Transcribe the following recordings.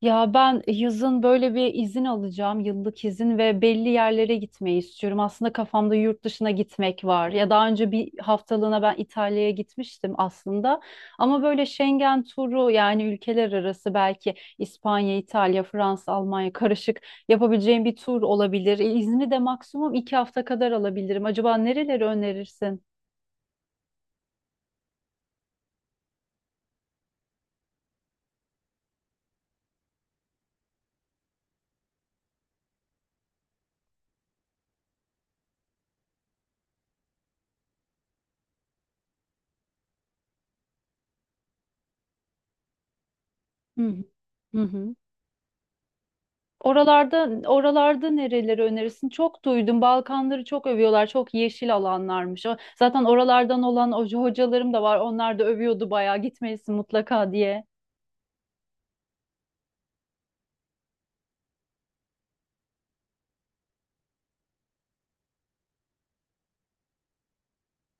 Ya ben yazın böyle bir izin alacağım, yıllık izin ve belli yerlere gitmeyi istiyorum. Aslında kafamda yurt dışına gitmek var. Ya daha önce bir haftalığına ben İtalya'ya gitmiştim aslında. Ama böyle Schengen turu yani ülkeler arası belki İspanya, İtalya, Fransa, Almanya karışık yapabileceğim bir tur olabilir. İzni de maksimum 2 hafta kadar alabilirim. Acaba nereleri önerirsin? Hı hı. Hı hı. Oralarda nereleri önerirsin? Çok duydum. Balkanları çok övüyorlar. Çok yeşil alanlarmış. Zaten oralardan olan hocalarım da var. Onlar da övüyordu bayağı. Gitmelisin mutlaka diye.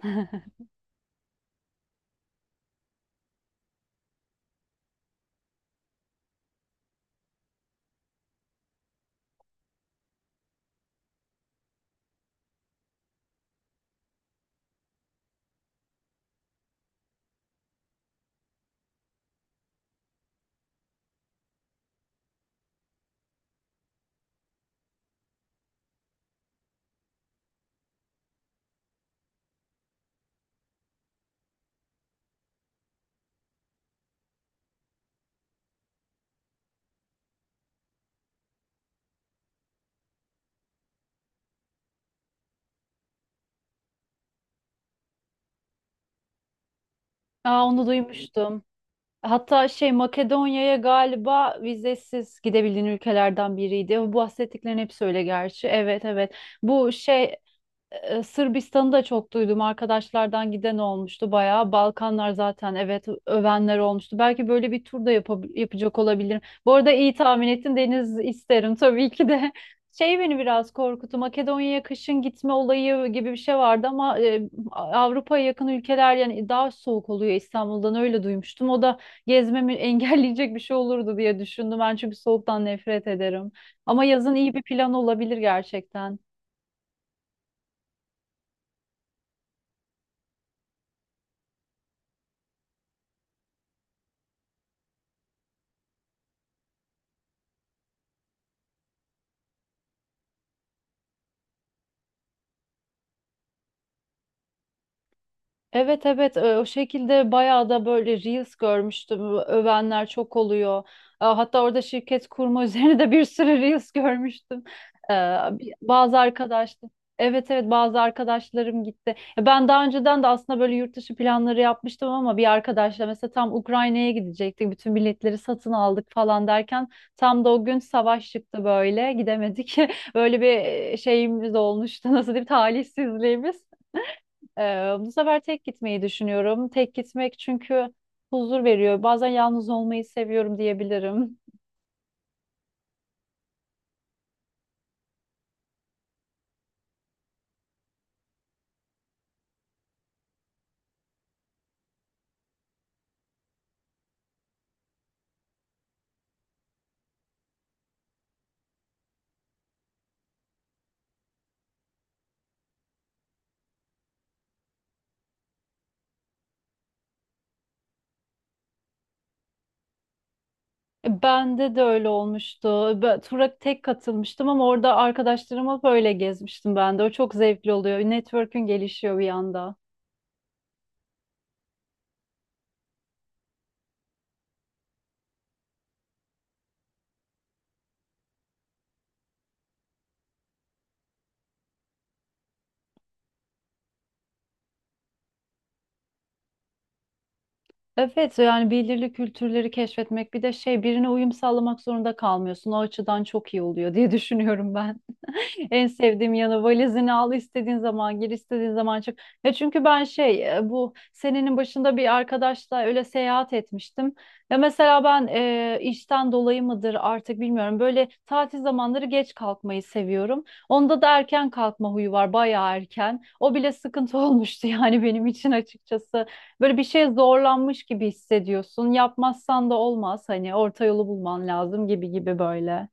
Aa, onu duymuştum. Hatta şey Makedonya'ya galiba vizesiz gidebildiğin ülkelerden biriydi. Bu bahsettiklerin hepsi öyle gerçi. Evet, evet. Bu şey Sırbistan'ı da çok duydum. Arkadaşlardan giden olmuştu bayağı. Balkanlar zaten evet övenler olmuştu. Belki böyle bir tur da yapacak olabilirim. Bu arada iyi tahmin ettin. Deniz isterim tabii ki de. Şey beni biraz korkuttu. Makedonya'ya kışın gitme olayı gibi bir şey vardı ama Avrupa'ya yakın ülkeler yani daha soğuk oluyor İstanbul'dan öyle duymuştum. O da gezmemi engelleyecek bir şey olurdu diye düşündüm. Ben çünkü soğuktan nefret ederim. Ama yazın iyi bir plan olabilir gerçekten. Evet, evet, o şekilde bayağı da böyle reels görmüştüm. Övenler çok oluyor. Hatta orada şirket kurma üzerine de bir sürü reels görmüştüm. E, bir- Bazı arkadaşlar Evet, evet, bazı arkadaşlarım gitti. Ben daha önceden de aslında böyle yurt dışı planları yapmıştım ama bir arkadaşla mesela tam Ukrayna'ya gidecektik. Bütün biletleri satın aldık falan derken tam da o gün savaş çıktı böyle gidemedik. Böyle bir şeyimiz olmuştu, nasıl diyeyim, talihsizliğimiz. Ee, bu sefer tek gitmeyi düşünüyorum. Tek gitmek çünkü huzur veriyor. Bazen yalnız olmayı seviyorum diyebilirim. Bende de öyle olmuştu. Ben tura tek katılmıştım ama orada arkadaşlarıma böyle gezmiştim ben de. O çok zevkli oluyor. Network'ün gelişiyor bir anda. Evet, yani belirli kültürleri keşfetmek bir de şey, birine uyum sağlamak zorunda kalmıyorsun. O açıdan çok iyi oluyor diye düşünüyorum ben. En sevdiğim yanı valizini al, istediğin zaman gir, istediğin zaman çık. Ya çünkü ben şey, bu senenin başında bir arkadaşla öyle seyahat etmiştim. Ya mesela ben, işten dolayı mıdır artık bilmiyorum. Böyle tatil zamanları geç kalkmayı seviyorum. Onda da erken kalkma huyu var, bayağı erken. O bile sıkıntı olmuştu yani benim için, açıkçası. Böyle bir şeye zorlanmış gibi hissediyorsun. Yapmazsan da olmaz, hani orta yolu bulman lazım gibi gibi, böyle.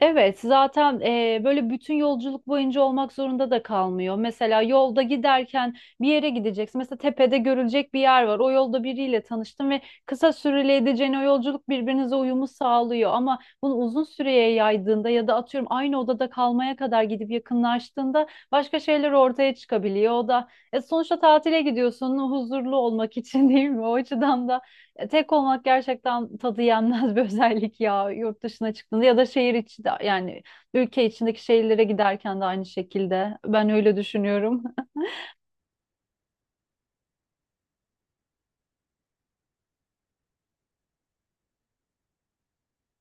Evet, zaten böyle bütün yolculuk boyunca olmak zorunda da kalmıyor. Mesela yolda giderken bir yere gideceksin. Mesela tepede görülecek bir yer var. O yolda biriyle tanıştın ve kısa süreli edeceğin o yolculuk birbirinize uyumu sağlıyor. Ama bunu uzun süreye yaydığında ya da atıyorum aynı odada kalmaya kadar gidip yakınlaştığında başka şeyler ortaya çıkabiliyor. O da sonuçta tatile gidiyorsun huzurlu olmak için değil mi? O açıdan da tek olmak gerçekten tadı yenmez bir özellik ya, yurt dışına çıktığında ya da şehir içi, de yani ülke içindeki şehirlere giderken de aynı şekilde ben öyle düşünüyorum.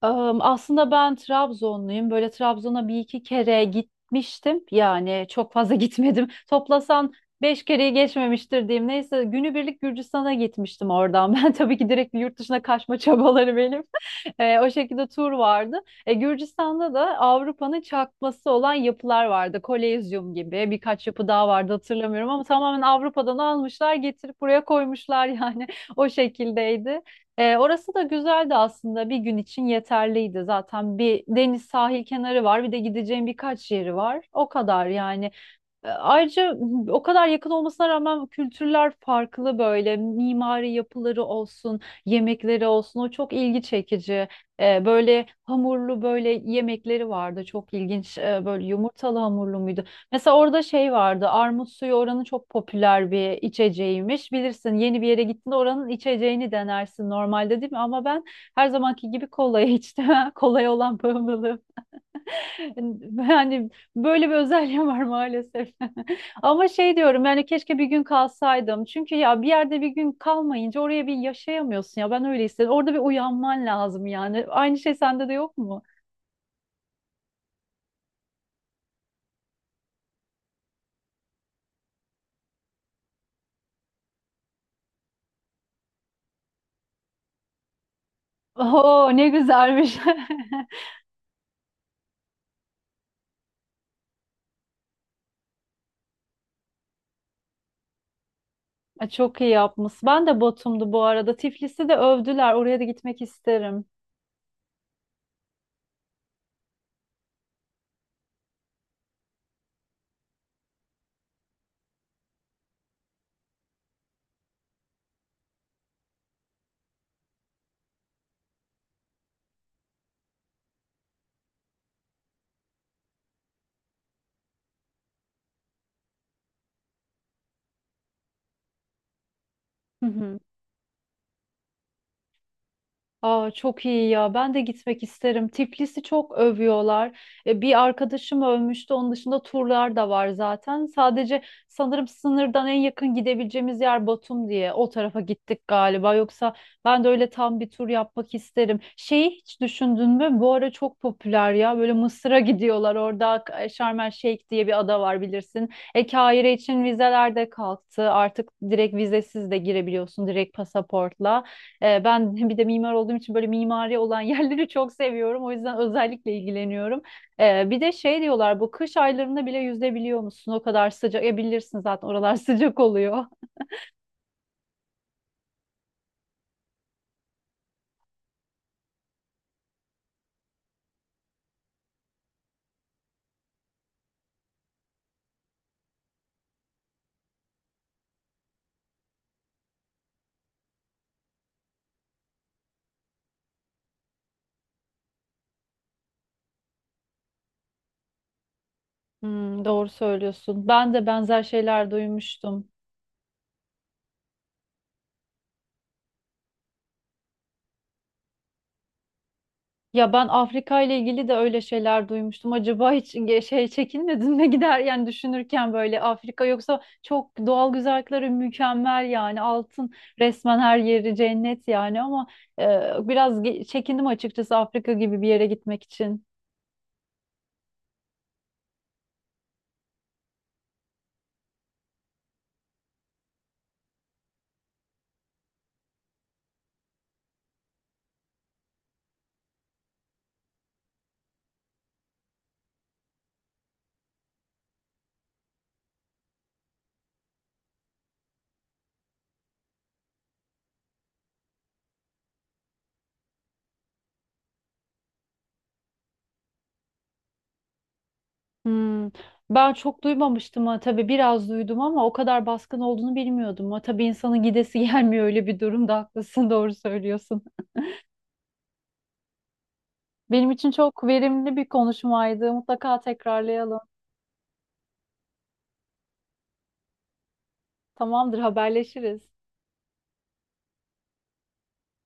Aslında ben Trabzonluyum. Böyle Trabzon'a bir iki kere gitmiştim. Yani çok fazla gitmedim. Toplasan 5 kereyi geçmemiştir diyeyim. Neyse, günübirlik Gürcistan'a gitmiştim oradan. Ben tabii ki, direkt bir yurt dışına kaçma çabaları benim. O şekilde tur vardı. Gürcistan'da da Avrupa'nın çakması olan yapılar vardı. Kolezyum gibi birkaç yapı daha vardı, hatırlamıyorum, ama tamamen Avrupa'dan almışlar getirip buraya koymuşlar yani o şekildeydi. Orası da güzeldi aslında, bir gün için yeterliydi zaten. Bir deniz, sahil kenarı var, bir de gideceğim birkaç yeri var, o kadar yani. Ayrıca o kadar yakın olmasına rağmen kültürler farklı, böyle mimari yapıları olsun, yemekleri olsun, o çok ilgi çekici. Böyle hamurlu böyle yemekleri vardı, çok ilginç. Böyle yumurtalı hamurlu muydu? Mesela orada şey vardı, armut suyu, oranın çok popüler bir içeceğiymiş. Bilirsin, yeni bir yere gittiğinde oranın içeceğini denersin normalde, değil mi? Ama ben her zamanki gibi kolayı içtim. Kolay olan bağımlılığım. Yani hani, böyle bir özelliğim var maalesef. Ama şey diyorum yani, keşke bir gün kalsaydım. Çünkü ya bir yerde bir gün kalmayınca oraya bir yaşayamıyorsun ya, ben öyle istedim. Orada bir uyanman lazım yani. Aynı şey sende de yok mu? Oo, ne güzelmiş. Ay, çok iyi yapmış. Ben de Batum'du bu arada. Tiflis'i de övdüler. Oraya da gitmek isterim. Hı hı. Aa, çok iyi ya. Ben de gitmek isterim. Tiflis'i çok övüyorlar. Bir arkadaşım övmüştü. Onun dışında turlar da var zaten. Sadece sanırım sınırdan en yakın gidebileceğimiz yer Batum diye. O tarafa gittik galiba. Yoksa ben de öyle tam bir tur yapmak isterim. Şeyi hiç düşündün mü? Bu ara çok popüler ya. Böyle Mısır'a gidiyorlar. Orada Sharm El Sheikh diye bir ada var, bilirsin. Kahire için vizeler de kalktı. Artık direkt vizesiz de girebiliyorsun, direkt pasaportla. Ben bir de mimar olduğum için böyle mimari olan yerleri çok seviyorum. O yüzden özellikle ilgileniyorum. Bir de şey diyorlar, bu kış aylarında bile yüzebiliyor musun? O kadar sıcak. E, bilirsin zaten oralar sıcak oluyor. Hmm, doğru söylüyorsun. Ben de benzer şeyler duymuştum. Ya ben Afrika ile ilgili de öyle şeyler duymuştum. Acaba hiç şey, çekinmedin mi gider yani düşünürken böyle Afrika, yoksa çok doğal güzellikleri mükemmel yani, altın resmen, her yeri cennet yani, ama biraz çekindim açıkçası Afrika gibi bir yere gitmek için. Hmm. Ben çok duymamıştım. Ha tabii biraz duydum ama o kadar baskın olduğunu bilmiyordum. Ha tabii, insanın gidesi gelmiyor öyle bir durumda, haklısın, doğru söylüyorsun. Benim için çok verimli bir konuşmaydı. Mutlaka tekrarlayalım. Tamamdır, haberleşiriz.